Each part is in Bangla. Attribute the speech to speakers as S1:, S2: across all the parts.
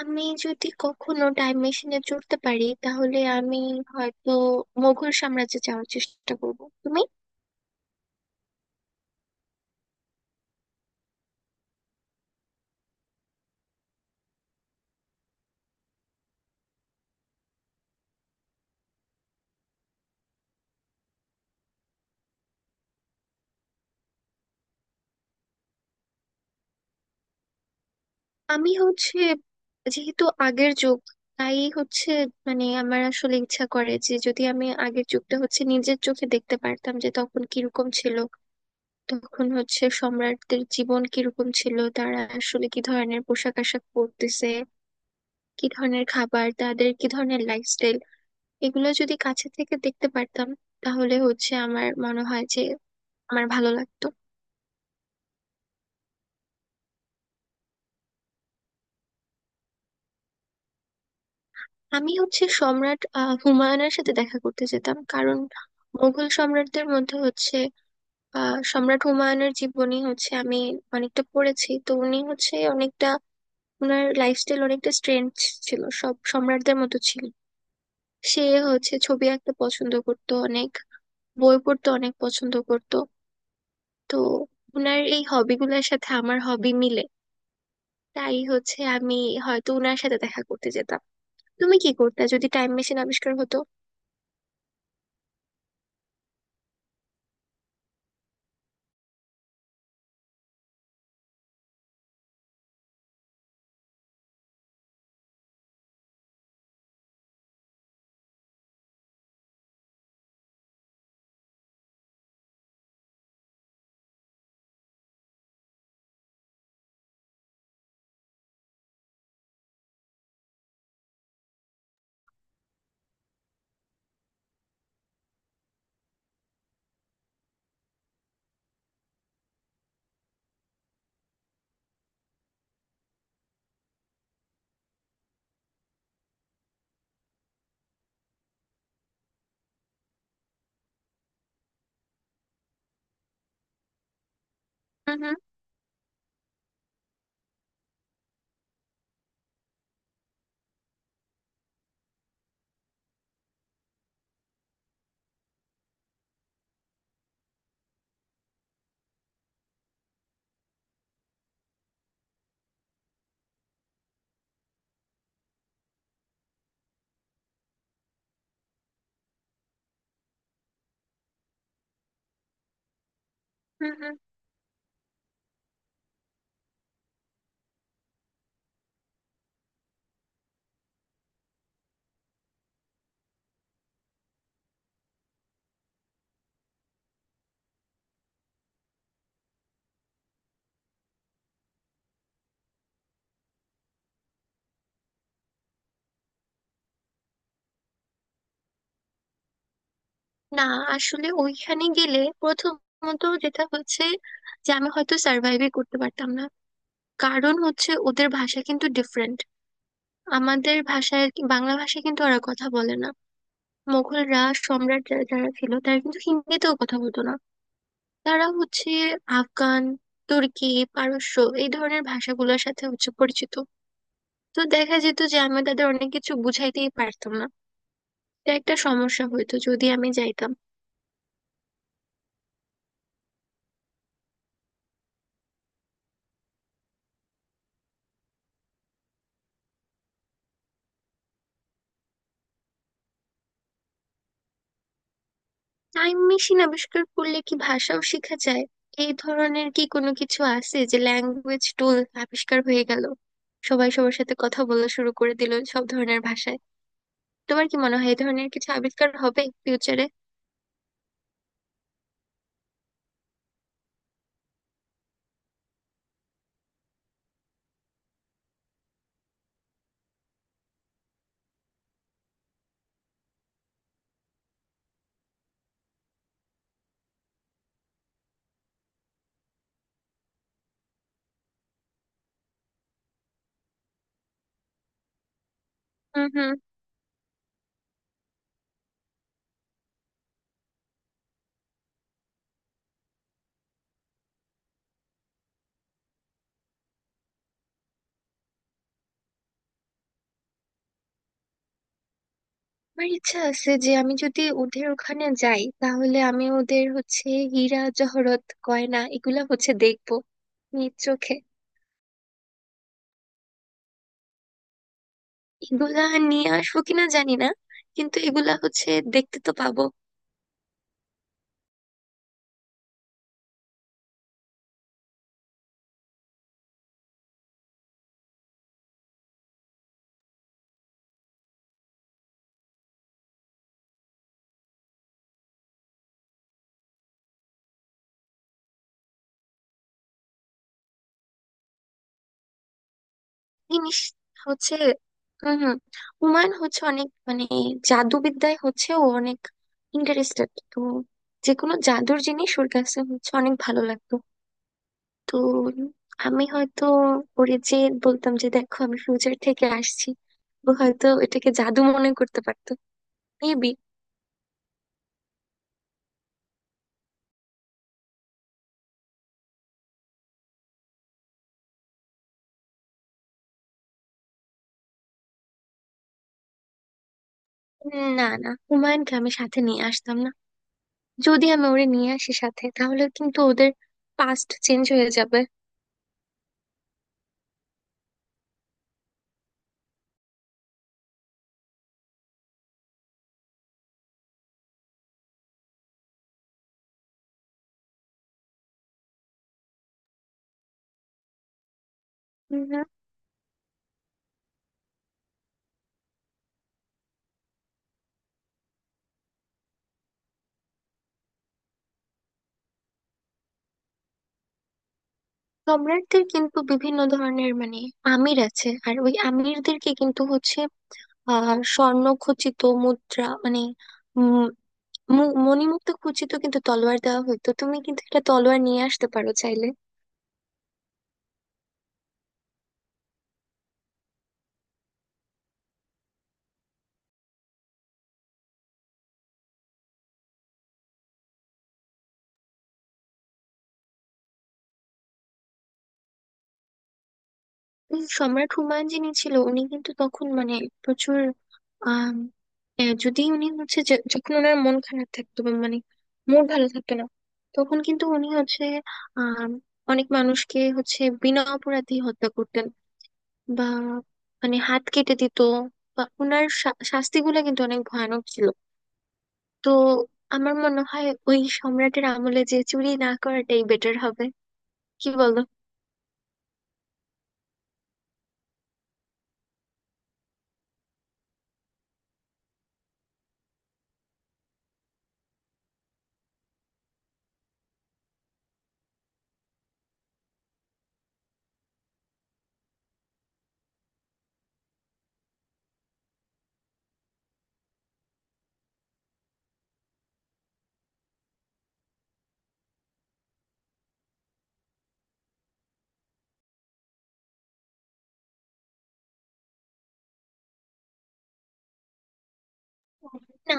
S1: আমি যদি কখনো টাইম মেশিনে চড়তে পারি তাহলে আমি হয়তো মোগল সাম্রাজ্যে যাওয়ার চেষ্টা করব। তুমি। আমি হচ্ছে, যেহেতু আগের যুগ, তাই হচ্ছে, মানে আমার আসলে ইচ্ছা করে যে যদি আমি আগের যুগটা হচ্ছে নিজের চোখে দেখতে পারতাম যে তখন কিরকম ছিল। তখন হচ্ছে সম্রাটদের জীবন কিরকম ছিল, তারা আসলে কি ধরনের পোশাক আশাক পরতেছে, কি ধরনের খাবার, তাদের কি ধরনের লাইফস্টাইল, এগুলো যদি কাছে থেকে দেখতে পারতাম, তাহলে হচ্ছে আমার মনে হয় যে আমার ভালো লাগতো। আমি হচ্ছে সম্রাট হুমায়ুনের সাথে দেখা করতে যেতাম, কারণ মুঘল সম্রাটদের মধ্যে হচ্ছে সম্রাট হুমায়ুনের জীবনী হচ্ছে আমি অনেকটা পড়েছি। তো উনি হচ্ছে অনেকটা, ওনার লাইফস্টাইল অনেকটা স্ট্রেঞ্জ ছিল, সব সম্রাটদের মতো ছিল। সে হচ্ছে ছবি আঁকতে পছন্দ করতো অনেক, বই পড়তে অনেক পছন্দ করতো। তো ওনার এই হবিগুলোর সাথে আমার হবি মিলে, তাই হচ্ছে আমি হয়তো উনার সাথে দেখা করতে যেতাম। তুমি কি করতে যদি টাইম মেশিন আবিষ্কার হতো? হুম হুম। হুম হুম। না, আসলে ওইখানে গেলে প্রথমত যেটা হচ্ছে, যে আমি হয়তো সার্ভাইভই করতে পারতাম না। কারণ হচ্ছে ওদের ভাষা কিন্তু ডিফারেন্ট। আমাদের ভাষায় আর কি, বাংলা ভাষায় কিন্তু ওরা কথা বলে না। মোগলরা, সম্রাট যারা যারা ছিল তারা কিন্তু হিন্দিতেও কথা বলতো না। তারা হচ্ছে আফগান, তুর্কি, পারস্য এই ধরনের ভাষাগুলোর সাথে হচ্ছে পরিচিত। তো দেখা যেত যে আমি তাদের অনেক কিছু বুঝাইতেই পারতাম না। এটা একটা সমস্যা হইতো যদি আমি যাইতাম। টাইম মেশিন আবিষ্কার করলে কি ভাষাও শেখা যায়? এই ধরনের কি কোনো কিছু আছে যে ল্যাঙ্গুয়েজ টুল আবিষ্কার হয়ে গেল, সবাই সবার সাথে কথা বলা শুরু করে দিল সব ধরনের ভাষায়? তোমার কি মনে হয় এই ধরনের কিছু আবিষ্কার হবে ফিউচারে? হুম হুম। আমার ইচ্ছা আছে যে আমি যদি ওদের ওখানে যাই তাহলে আমি ওদের হচ্ছে হীরা জহরত গয়না এগুলা হচ্ছে দেখবো নিজ চোখে। এগুলা নিয়ে আসবো কিনা জানি না, কিন্তু এগুলা হচ্ছে দেখতে তো পাবো। জিনিস হচ্ছে, হম, হুমায়ুন হচ্ছে অনেক, মানে জাদুবিদ্যায় হচ্ছে ও অনেক ইন্টারেস্টেড। তো যে কোনো জাদুর জিনিস ওর কাছে হচ্ছে অনেক ভালো লাগতো। তো আমি হয়তো ওরে যে বলতাম যে দেখো আমি ফিউচার থেকে আসছি, ও হয়তো এটাকে জাদু মনে করতে পারতো। মেবি। না না, হুমায়ুনকে আমি সাথে নিয়ে আসতাম না। যদি আমি ওরে নিয়ে আসি সাথে তাহলে কিন্তু ওদের পাস্ট চেঞ্জ হয়ে যাবে। উম, সম্রাটদের কিন্তু বিভিন্ন ধরনের মানে আমির আছে, আর ওই আমিরদেরকে কিন্তু হচ্ছে আহ স্বর্ণ খচিত মুদ্রা, মানে উম মণিমুক্তা খচিত কিন্তু তলোয়ার দেওয়া হতো। তুমি কিন্তু একটা তলোয়ার নিয়ে আসতে পারো চাইলে। সম্রাট হুমায়ুন যিনি ছিল উনি কিন্তু তখন, মানে প্রচুর, আম, যদি উনি হচ্ছে, যে যখন ওনার মন খারাপ থাকতো বা মানে মুড ভালো থাকতো না, তখন কিন্তু উনি হচ্ছে আম, অনেক মানুষকে হচ্ছে বিনা অপরাধে হত্যা করতেন, বা মানে হাত কেটে দিত, বা ওনার শাস্তিগুলো কিন্তু অনেক ভয়ানক ছিল। তো আমার মনে হয় ওই সম্রাটের আমলে যে চুরি না করাটাই বেটার হবে। কি বলো?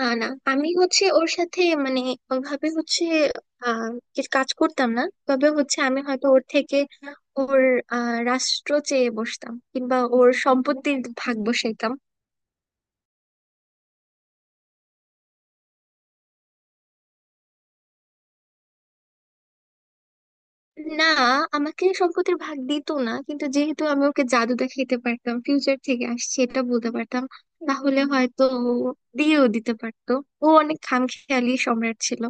S1: না না, আমি হচ্ছে ওর সাথে মানে ওভাবে হচ্ছে আহ কিছু কাজ করতাম না, তবে হচ্ছে আমি হয়তো ওর থেকে ওর রাষ্ট্র চেয়ে বসতাম কিংবা ওর সম্পত্তির ভাগ বসাইতাম। না, আমাকে সম্পত্তির ভাগ দিত না, কিন্তু যেহেতু আমি ওকে জাদু দেখাইতে পারতাম, ফিউচার থেকে আসছে এটা বলতে পারতাম, তাহলে হয়তো ও দিয়েও দিতে পারতো। ও অনেক খামখেয়ালি সম্রাট ছিল।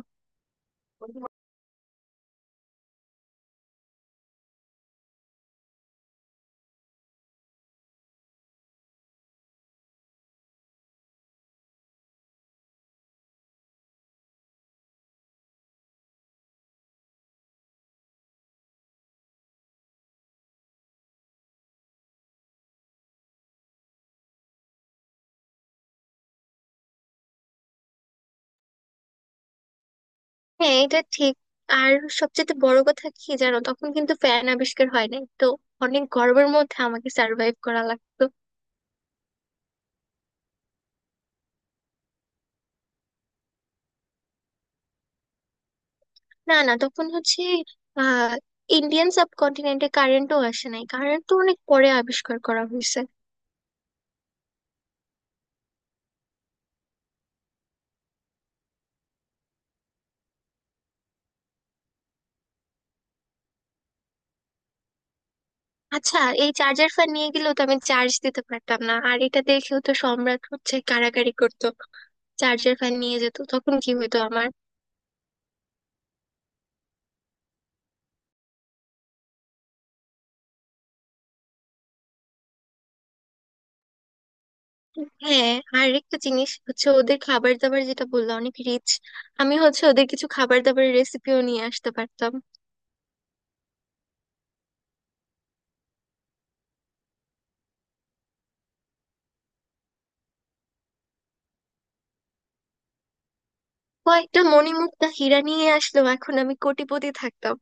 S1: হ্যাঁ, এটা ঠিক। আর সবচেয়ে বড় কথা কি জানো, তখন কিন্তু ফ্যান আবিষ্কার হয় নাই তো। অনেক গর্বের মধ্যে আমাকে সার্ভাইভ করা লাগতো। না না, তখন হচ্ছে আহ ইন্ডিয়ান সাবকন্টিনেন্টে কারেন্টও আসে নাই। কারেন্ট তো অনেক পরে আবিষ্কার করা হয়েছে। আচ্ছা, এই চার্জার ফ্যান নিয়ে গেলেও তো আমি চার্জ দিতে পারতাম না, আর এটা দেখেও তো সম্রাট হচ্ছে কাড়াকাড়ি করতো। চার্জার ফ্যান নিয়ে যেত তখন কি হতো আমার? হ্যাঁ, আর একটা জিনিস হচ্ছে ওদের খাবার দাবার, যেটা বললাম, অনেক রিচ। আমি হচ্ছে ওদের কিছু খাবার দাবারের রেসিপিও নিয়ে আসতে পারতাম। কয়েকটা মণিমুক্তা হীরা নিয়ে আসলেও এখন আমি কোটিপতি থাকতাম।